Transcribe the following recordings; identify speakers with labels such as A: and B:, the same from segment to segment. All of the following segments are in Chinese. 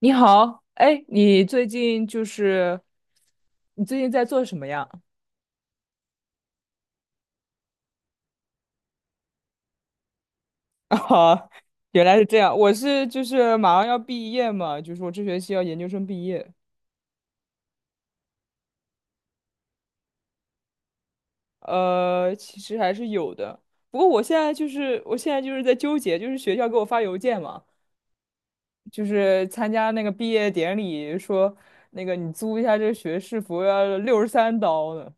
A: 你好，哎，你最近在做什么呀？啊，原来是这样，我是就是马上要毕业嘛，就是我这学期要研究生毕业，其实还是有的，不过我现在就是在纠结，就是学校给我发邮件嘛，就是参加那个毕业典礼，说那个你租一下这个学士服要63刀呢。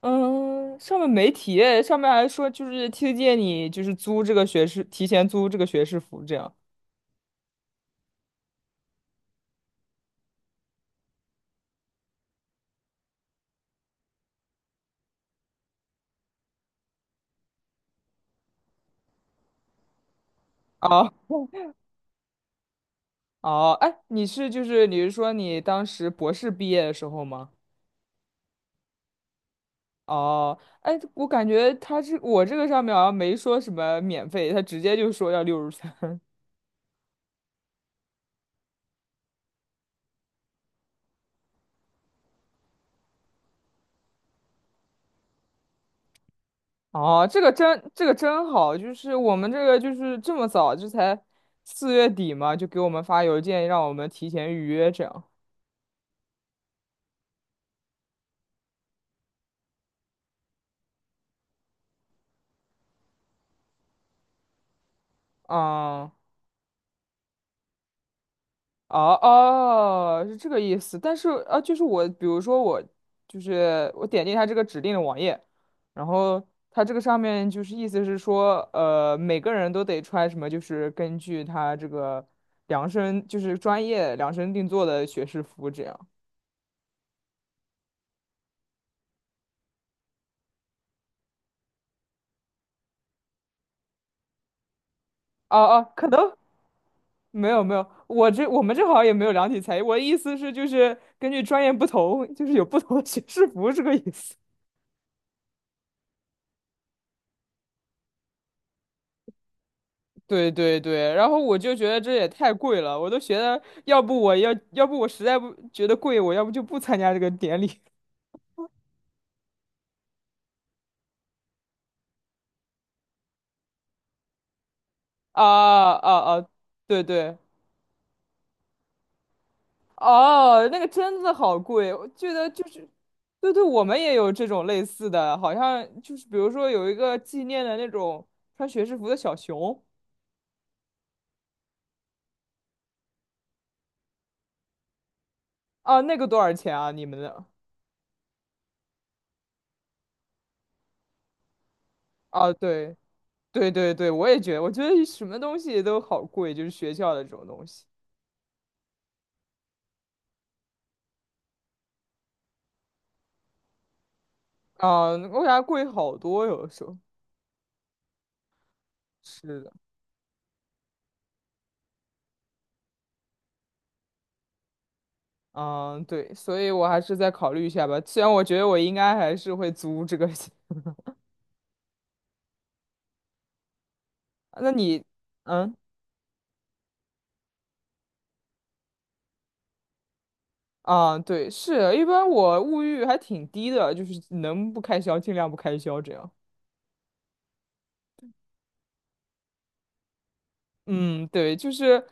A: 嗯，上面没提诶，上面还说就是推荐你就是租这个学士，提前租这个学士服这样。哦哦，哎，你是说你当时博士毕业的时候吗？哦，哎，我感觉我这个上面好像没说什么免费，他直接就说要六十三。哦，这个真好，就是我们这个就是这么早，这才4月底嘛，就给我们发邮件让我们提前预约这样。啊。哦哦，是这个意思。但是啊，就是我，比如说我，就是我点进他这个指定的网页，然后他这个上面就是意思是说，每个人都得穿什么，就是根据他这个量身，就是专业量身定做的学士服这样。哦哦，可能没有没有，我们这好像也没有量体裁衣。我的意思是，就是根据专业不同，就是有不同的学士服这个意思。对对对，然后我就觉得这也太贵了，我都觉得要不我实在不觉得贵，我要不就不参加这个典礼。啊啊啊！对对，哦，那个真的好贵，我记得就是，对对，我们也有这种类似的，好像就是比如说有一个纪念的那种穿学士服的小熊啊，那个多少钱啊？你们的？啊，对对对对，我也觉得，我觉得什么东西都好贵，就是学校的这种东西。啊，为啥贵好多，有的时候。是的，嗯，对，所以我还是再考虑一下吧。虽然我觉得我应该还是会租这个，那你，嗯，啊，对，是，一般我物欲还挺低的，就是能不开销尽量不开销这样。嗯，对，就是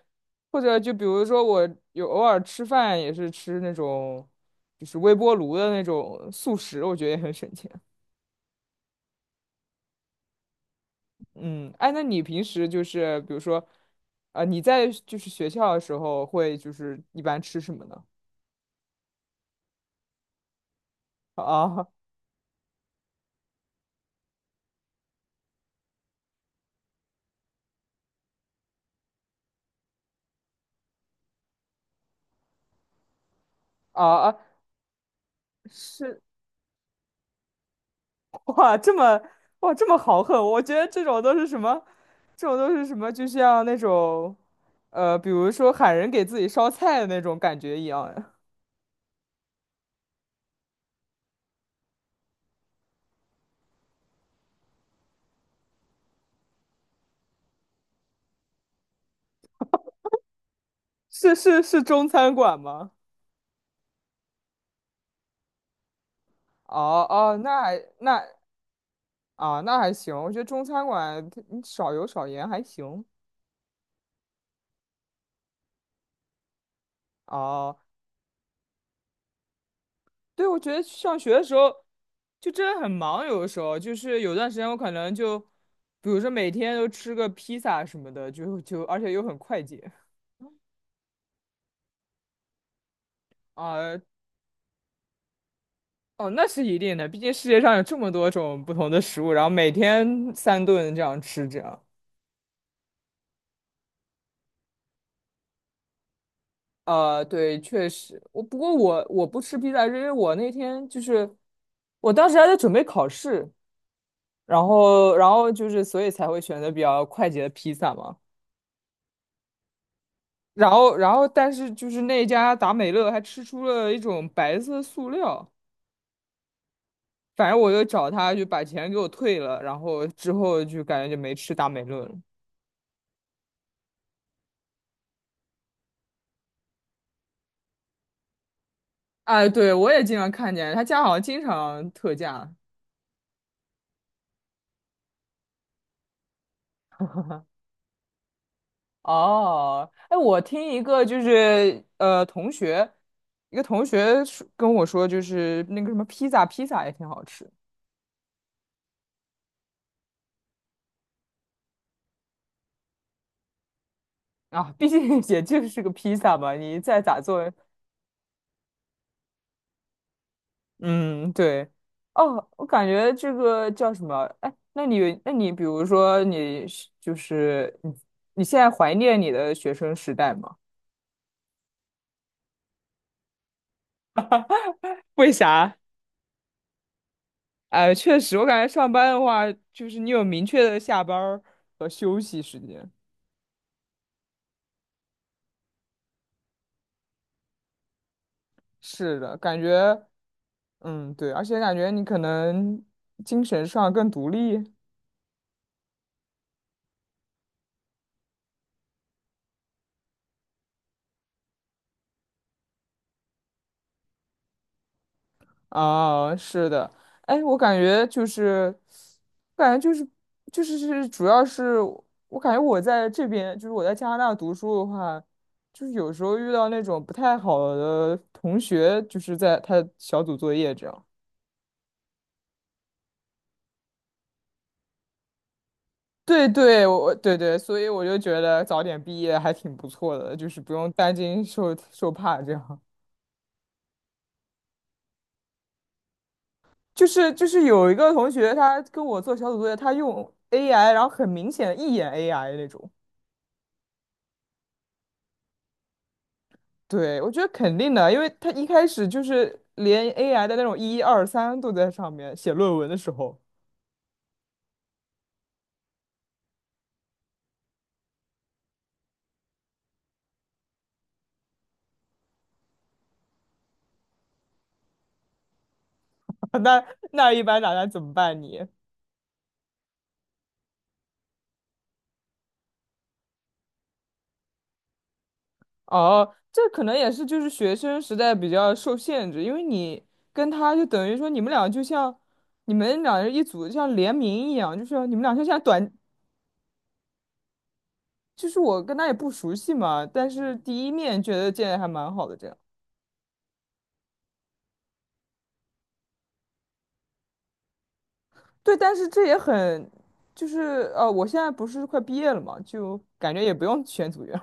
A: 或者就比如说我有偶尔吃饭也是吃那种就是微波炉的那种速食，我觉得也很省钱。嗯，哎，那你平时就是比如说，啊，你在就是学校的时候会就是一般吃什么呢？啊啊啊！是 哇，哇这么豪横，我觉得这种都是什么？这种都是什么？就像那种，比如说喊人给自己烧菜的那种感觉一样呀。是是是，中餐馆吗？哦哦，那还行，我觉得中餐馆它你少油少盐还行。哦。对，我觉得上学的时候就真的很忙，有的时候就是有段时间我可能就，比如说每天都吃个披萨什么的，就而且又很快捷啊，哦，那是一定的，毕竟世界上有这么多种不同的食物，然后每天三顿这样吃，着。样，对，确实，不过我不吃披萨，是因为我那天就是我当时还在准备考试，然后就是所以才会选择比较快捷的披萨嘛。然后，但是就是那家达美乐还吃出了一种白色塑料，反正我又找他就把钱给我退了，然后之后就感觉就没吃达美乐了。哎，对，我也经常看见他家好像经常特价。哦，哎，我听一个就是同学，一个同学跟我说，就是那个什么披萨，披萨也挺好吃啊，毕竟也就是个披萨嘛，你再咋做，嗯，对。哦，我感觉这个叫什么？哎，那你，比如说你是就是你，你现在怀念你的学生时代吗？为啥？哎，确实，我感觉上班的话，就是你有明确的下班儿和休息时间。是的，感觉，嗯，对，而且感觉你可能精神上更独立。啊，是的，哎，我感觉就是，感觉就是是，主要是我感觉我在这边，就是我在加拿大读书的话，就是有时候遇到那种不太好的同学，就是在他小组作业这样。对对，对对，所以我就觉得早点毕业还挺不错的，就是不用担惊受怕这样。就是有一个同学，他跟我做小组作业，他用 AI，然后很明显一眼 AI 那种。对，我觉得肯定的啊，因为他一开始就是连 AI 的那种一二三都在上面写论文的时候，那那一般大家怎么办你？哦，这可能也是就是学生时代比较受限制，因为你跟他就等于说你们俩人一组，就像联名一样，就是你们俩就像短，就是我跟他也不熟悉嘛，但是第一面觉得见的还蛮好的这样。对，但是这也很，就是我现在不是快毕业了嘛，就感觉也不用选组员。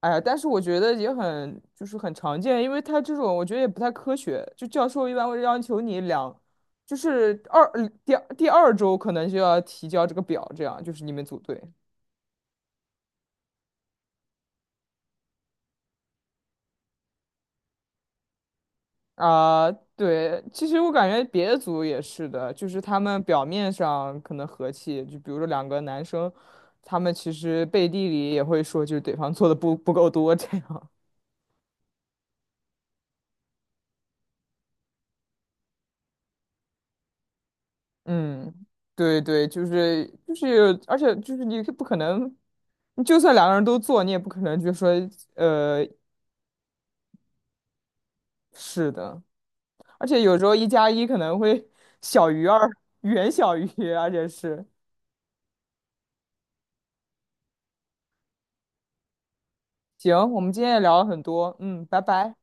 A: 哎呀，但是我觉得也很，就是很常见，因为他这种我觉得也不太科学。就教授一般会要求你两，就是二嗯第二第二周可能就要提交这个表，这样就是你们组队啊。对，其实我感觉别的组也是的，就是他们表面上可能和气，就比如说两个男生，他们其实背地里也会说，就是对方做的不够多这样。嗯，对对，就是，而且就是你不可能，你就算两个人都做，你也不可能就说呃是的，而且有时候一加一可能会小于二，远小于，而且是行，我们今天也聊了很多，嗯，拜拜。